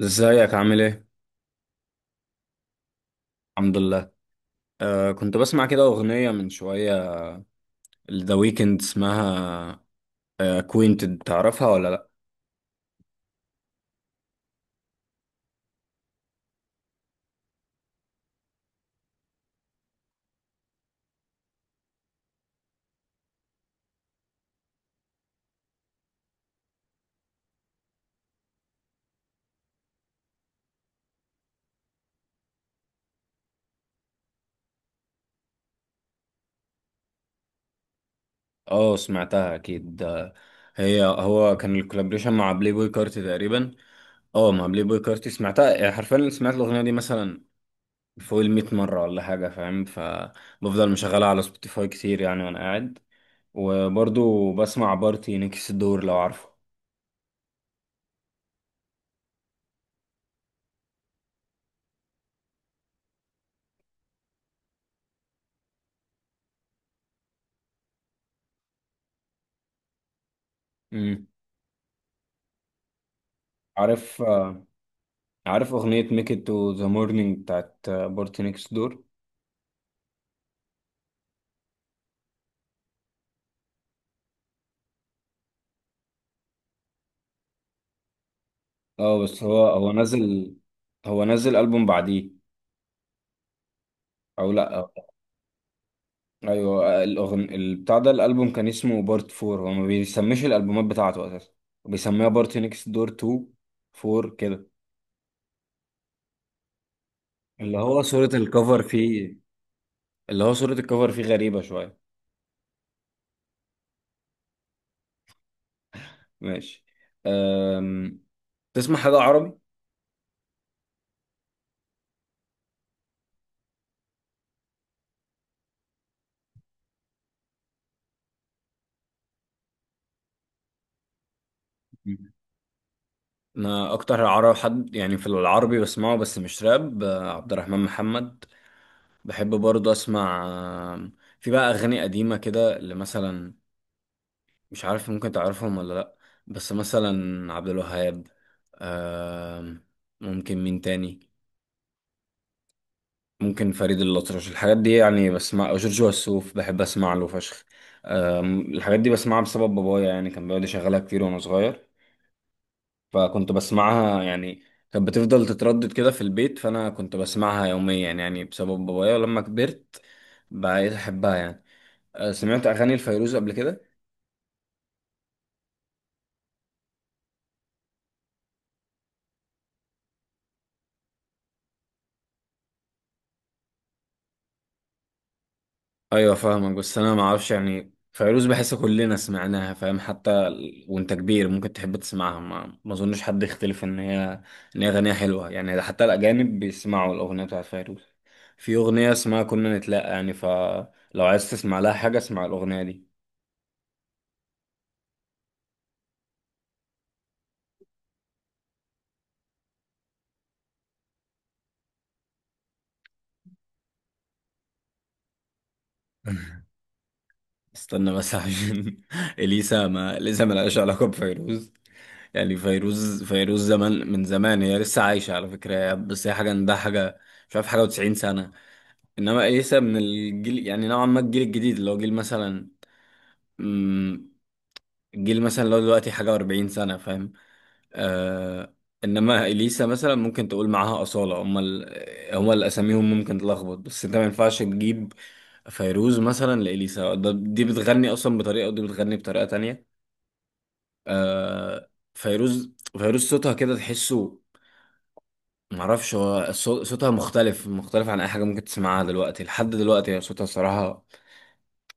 ازيك عامل ايه؟ الحمد لله. آه، كنت بسمع كده أغنية من شوية، ذا ويكند اسمها، اكوينتد تعرفها ولا لأ؟ اه سمعتها أكيد. هو كان الكولابريشن مع بلاي بوي كارتي تقريبا. اه مع بلاي بوي كارتي. سمعتها يعني حرفيا، سمعت الأغنية دي مثلا فوق الميت مرة ولا حاجة، فاهم؟ فبفضل مشغلها على سبوتيفاي كتير يعني وأنا قاعد. وبرضو بسمع بارتي نكس الدور، لو عارفه. مم. عارف، آه، عارف أغنية ميك إت تو ذا مورنينج بتاعت بارتي نيكست دور. اه بس هو نزل، هو نزل ألبوم بعديه أو لأ؟ أيوه، الأغن البتاع ده الألبوم كان اسمه بارت فور، هو ما بيسميش الألبومات بتاعته أساسا، بيسميها بارتي نيكست دور تو، فور كده. اللي هو صورة الكفر فيه، غريبة شوية. ماشي. أم... تسمع حاجة عربي؟ مم. أنا أكتر عربي حد يعني في العربي بسمعه بس مش راب، آه، عبد الرحمن محمد، بحب برضه اسمع. في بقى اغاني قديمه كده اللي مثلا مش عارف ممكن تعرفهم ولا لا، بس مثلا عبد الوهاب، آم، ممكن مين تاني، ممكن فريد الأطرش، الحاجات دي يعني بسمع، أو جورج وسوف بحب اسمع له فشخ. الحاجات دي بسمعها بسبب بابايا يعني، كان بيقعد يشغلها كتير وانا صغير، فكنت بسمعها يعني. كانت بتفضل تتردد كده في البيت، فانا كنت بسمعها يوميا يعني بسبب بابايا، ولما كبرت بقيت احبها يعني. آه، سمعت اغاني الفيروز قبل كده؟ ايوه فاهمك، بس انا ما اعرفش يعني، فيروز بحس كلنا سمعناها، فاهم؟ حتى وانت كبير ممكن تحب تسمعها، ما اظنش حد يختلف ان هي اغانيها حلوه يعني، ده حتى الاجانب بيسمعوا الاغنيه بتاعت فيروز. في اغنيه اسمها كنا نتلاقى يعني، فلو عايز تسمع لها حاجه اسمع الاغنيه دي. استنى بس عشان اليسا، ما اليسا ما لهاش علاقه بفيروز يعني. فيروز زمان من زمان، هي لسه عايشه على فكره، بس هي حاجه، ده حاجه، مش عارف، حاجه و90 سنه. انما اليسا من الجيل يعني نوعا ما، الجيل الجديد اللي هو جيل مثلا، مم، الجيل مثلا اللي هو دلوقتي حاجه و40 سنه، فاهم؟ آه. انما اليسا مثلا ممكن تقول معاها اصاله، هم هم اللي اساميهم ممكن تلخبط، بس انت ما ينفعش تجيب فيروز مثلا لاليسا، ده دي بتغني اصلا بطريقه ودي بتغني بطريقه تانية. آه فيروز، صوتها كده تحسه، معرفش هو صوتها مختلف، عن اي حاجه ممكن تسمعها دلوقتي، لحد دلوقتي هي صوتها صراحه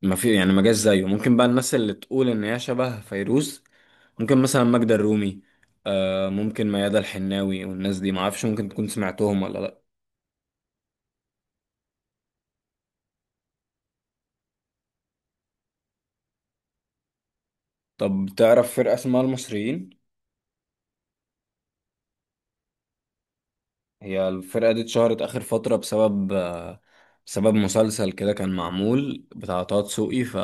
ما في يعني، ما جاش زيه. ممكن بقى الناس اللي تقول ان هي شبه فيروز، ممكن مثلا ماجدة الرومي، آه، ممكن ميادة الحناوي، والناس دي ما اعرفش ممكن تكون سمعتهم ولا لا. طب تعرف فرقة اسمها المصريين؟ هي الفرقة دي اتشهرت اخر فترة بسبب، آه، بسبب مسلسل كده كان معمول بتاع طه دسوقي، ف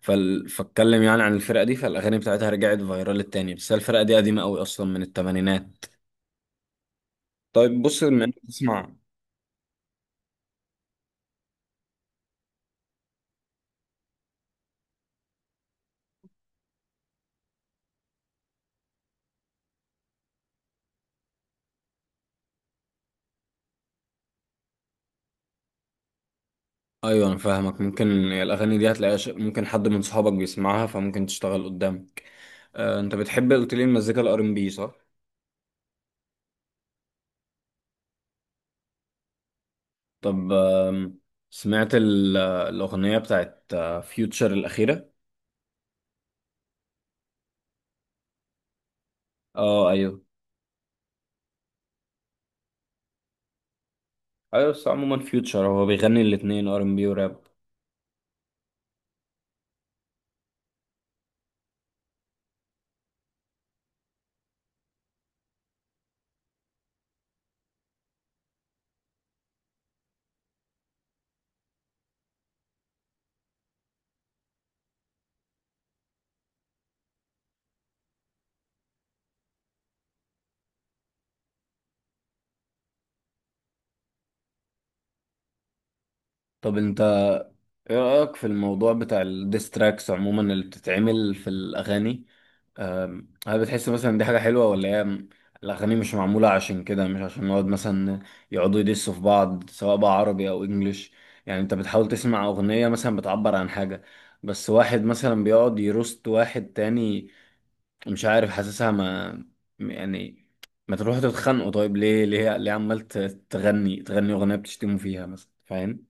فال... فاتكلم يعني عن الفرقة دي، فالاغاني بتاعتها رجعت فايرال التاني، بس هي الفرقة دي قديمة قوي اصلا من الثمانينات. طيب بص، بما انك بتسمع، ايوه انا فاهمك، ممكن الاغاني دي هتلاقيها ممكن حد من صحابك بيسمعها فممكن تشتغل قدامك. آه، انت بتحب قلت لي المزيكا الار ام بي، صح؟ طب، سمعت الاغنيه بتاعت فيوتشر الاخيره؟ اه ايوه. ايوه بس عموما فيوتشر هو بيغني الاتنين، ار ام بي وراب. طب انت ايه رأيك في الموضوع بتاع الديستراكس عموما اللي بتتعمل في الأغاني؟ هل بتحس مثلا دي حاجة حلوة، ولا هي الأغاني مش معمولة عشان كده، مش عشان نقعد مثلا يقعدوا يدسوا في بعض سواء بقى عربي أو إنجليش، يعني أنت بتحاول تسمع أغنية مثلا بتعبر عن حاجة، بس واحد مثلا بيقعد يروست واحد تاني. مش عارف حاسسها، ما م- يعني ما تروحوا تتخانقوا طيب، ليه عمال تغني أغنية بتشتموا فيها مثلا، فاهم؟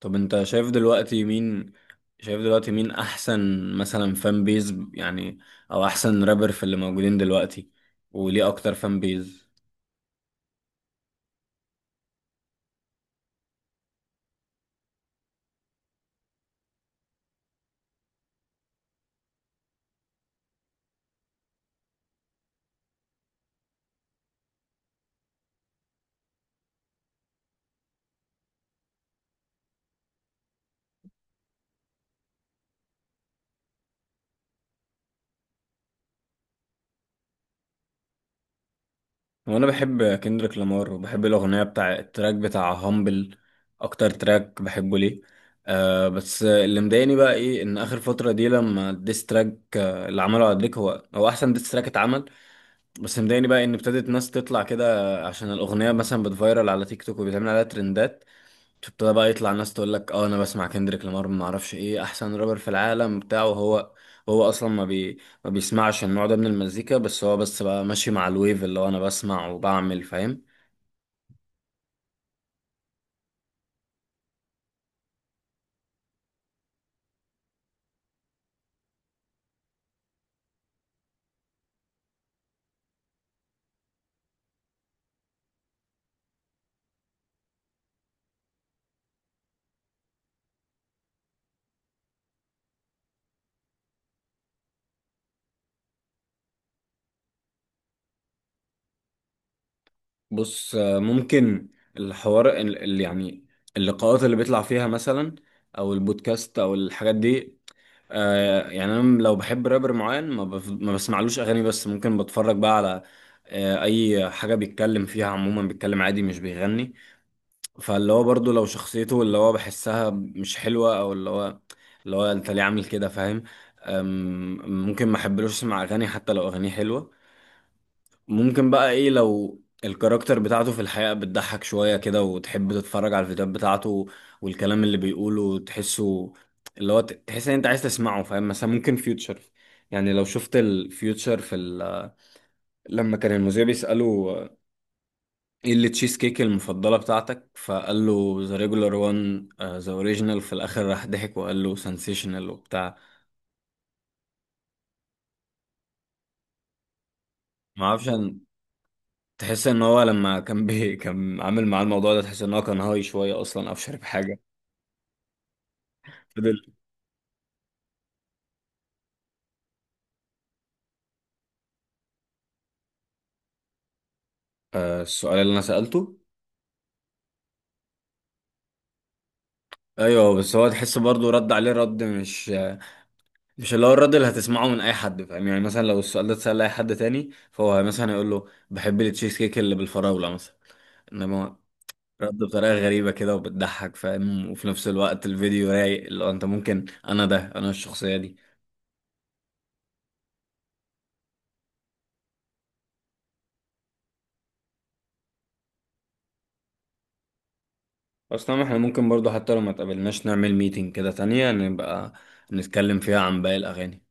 طب انت شايف دلوقتي مين، احسن مثلا فان بيز يعني، او احسن رابر في اللي موجودين دلوقتي، وليه اكتر فان بيز؟ وانا بحب كندريك لامار، وبحب الاغنيه بتاع التراك بتاع هامبل اكتر تراك بحبه ليه. آه بس اللي مضايقني بقى ايه، ان اخر فتره دي لما الديس تراك، آه، اللي عمله على دريك، هو هو احسن ديس تراك اتعمل. بس مضايقني بقى ان ابتدت ناس تطلع كده، عشان الاغنيه مثلا بتفايرل على تيك توك وبيتعمل عليها ترندات، تبتدى بقى يطلع ناس تقول لك اه انا بسمع كندريك لامار، ما اعرفش ايه، احسن رابر في العالم بتاعه، هو هو اصلا ما بي ما بيسمعش النوع ده من المزيكا، بس هو بس بقى ماشي مع الويف، اللي هو انا بسمع وبعمل، فاهم؟ بص، آه، ممكن الحوار اللي يعني، اللقاءات اللي بيطلع فيها مثلا، او البودكاست او الحاجات دي، آه يعني انا لو بحب رابر معين، ما بسمعلوش اغاني، بس ممكن بتفرج بقى على، آه، اي حاجة بيتكلم فيها عموما، بيتكلم عادي مش بيغني. فاللي هو برضه لو شخصيته اللي هو بحسها مش حلوة، او اللي هو انت ليه عامل كده، فاهم؟ ممكن ما احبلوش اسمع اغاني حتى لو اغانيه حلوة. ممكن بقى ايه، لو الكاركتر بتاعته في الحقيقة بتضحك شوية كده وتحب تتفرج على الفيديوهات بتاعته، والكلام اللي بيقوله تحسه اللي هو تحس ان انت عايز تسمعه، فاهم؟ مثلا ممكن فيوتشر يعني، لو شفت الفيوتشر في لما كان المذيع بيسأله ايه اللي تشيز كيك المفضلة بتاعتك، فقال له ذا ريجولار وان ذا اوريجينال، في الاخر راح ضحك وقال له سنسيشنال وبتاع. ما اعرفش أن- تحس ان هو لما كان بي كان عامل معاه الموضوع ده، تحس ان هو كان هاي شوية اصلا او شارب حاجة. فضل آه، السؤال اللي انا سألته، ايوه بس هو تحس برضه رد عليه رد مش اللي هو الرد اللي هتسمعه من اي حد، فاهم؟ يعني مثلا لو السؤال ده اتسأل لاي حد تاني فهو مثلا يقول له بحب التشيز كيك اللي بالفراولة مثلا، انما رد بطريقة غريبة كده وبتضحك، فاهم؟ وفي نفس الوقت الفيديو رايق، اللي هو انت ممكن، انا ده، انا الشخصية دي. اصلا احنا ممكن برضو حتى لو ما تقابلناش نعمل ميتنج كده تانية، نبقى نتكلم فيها عن باقي الاغاني.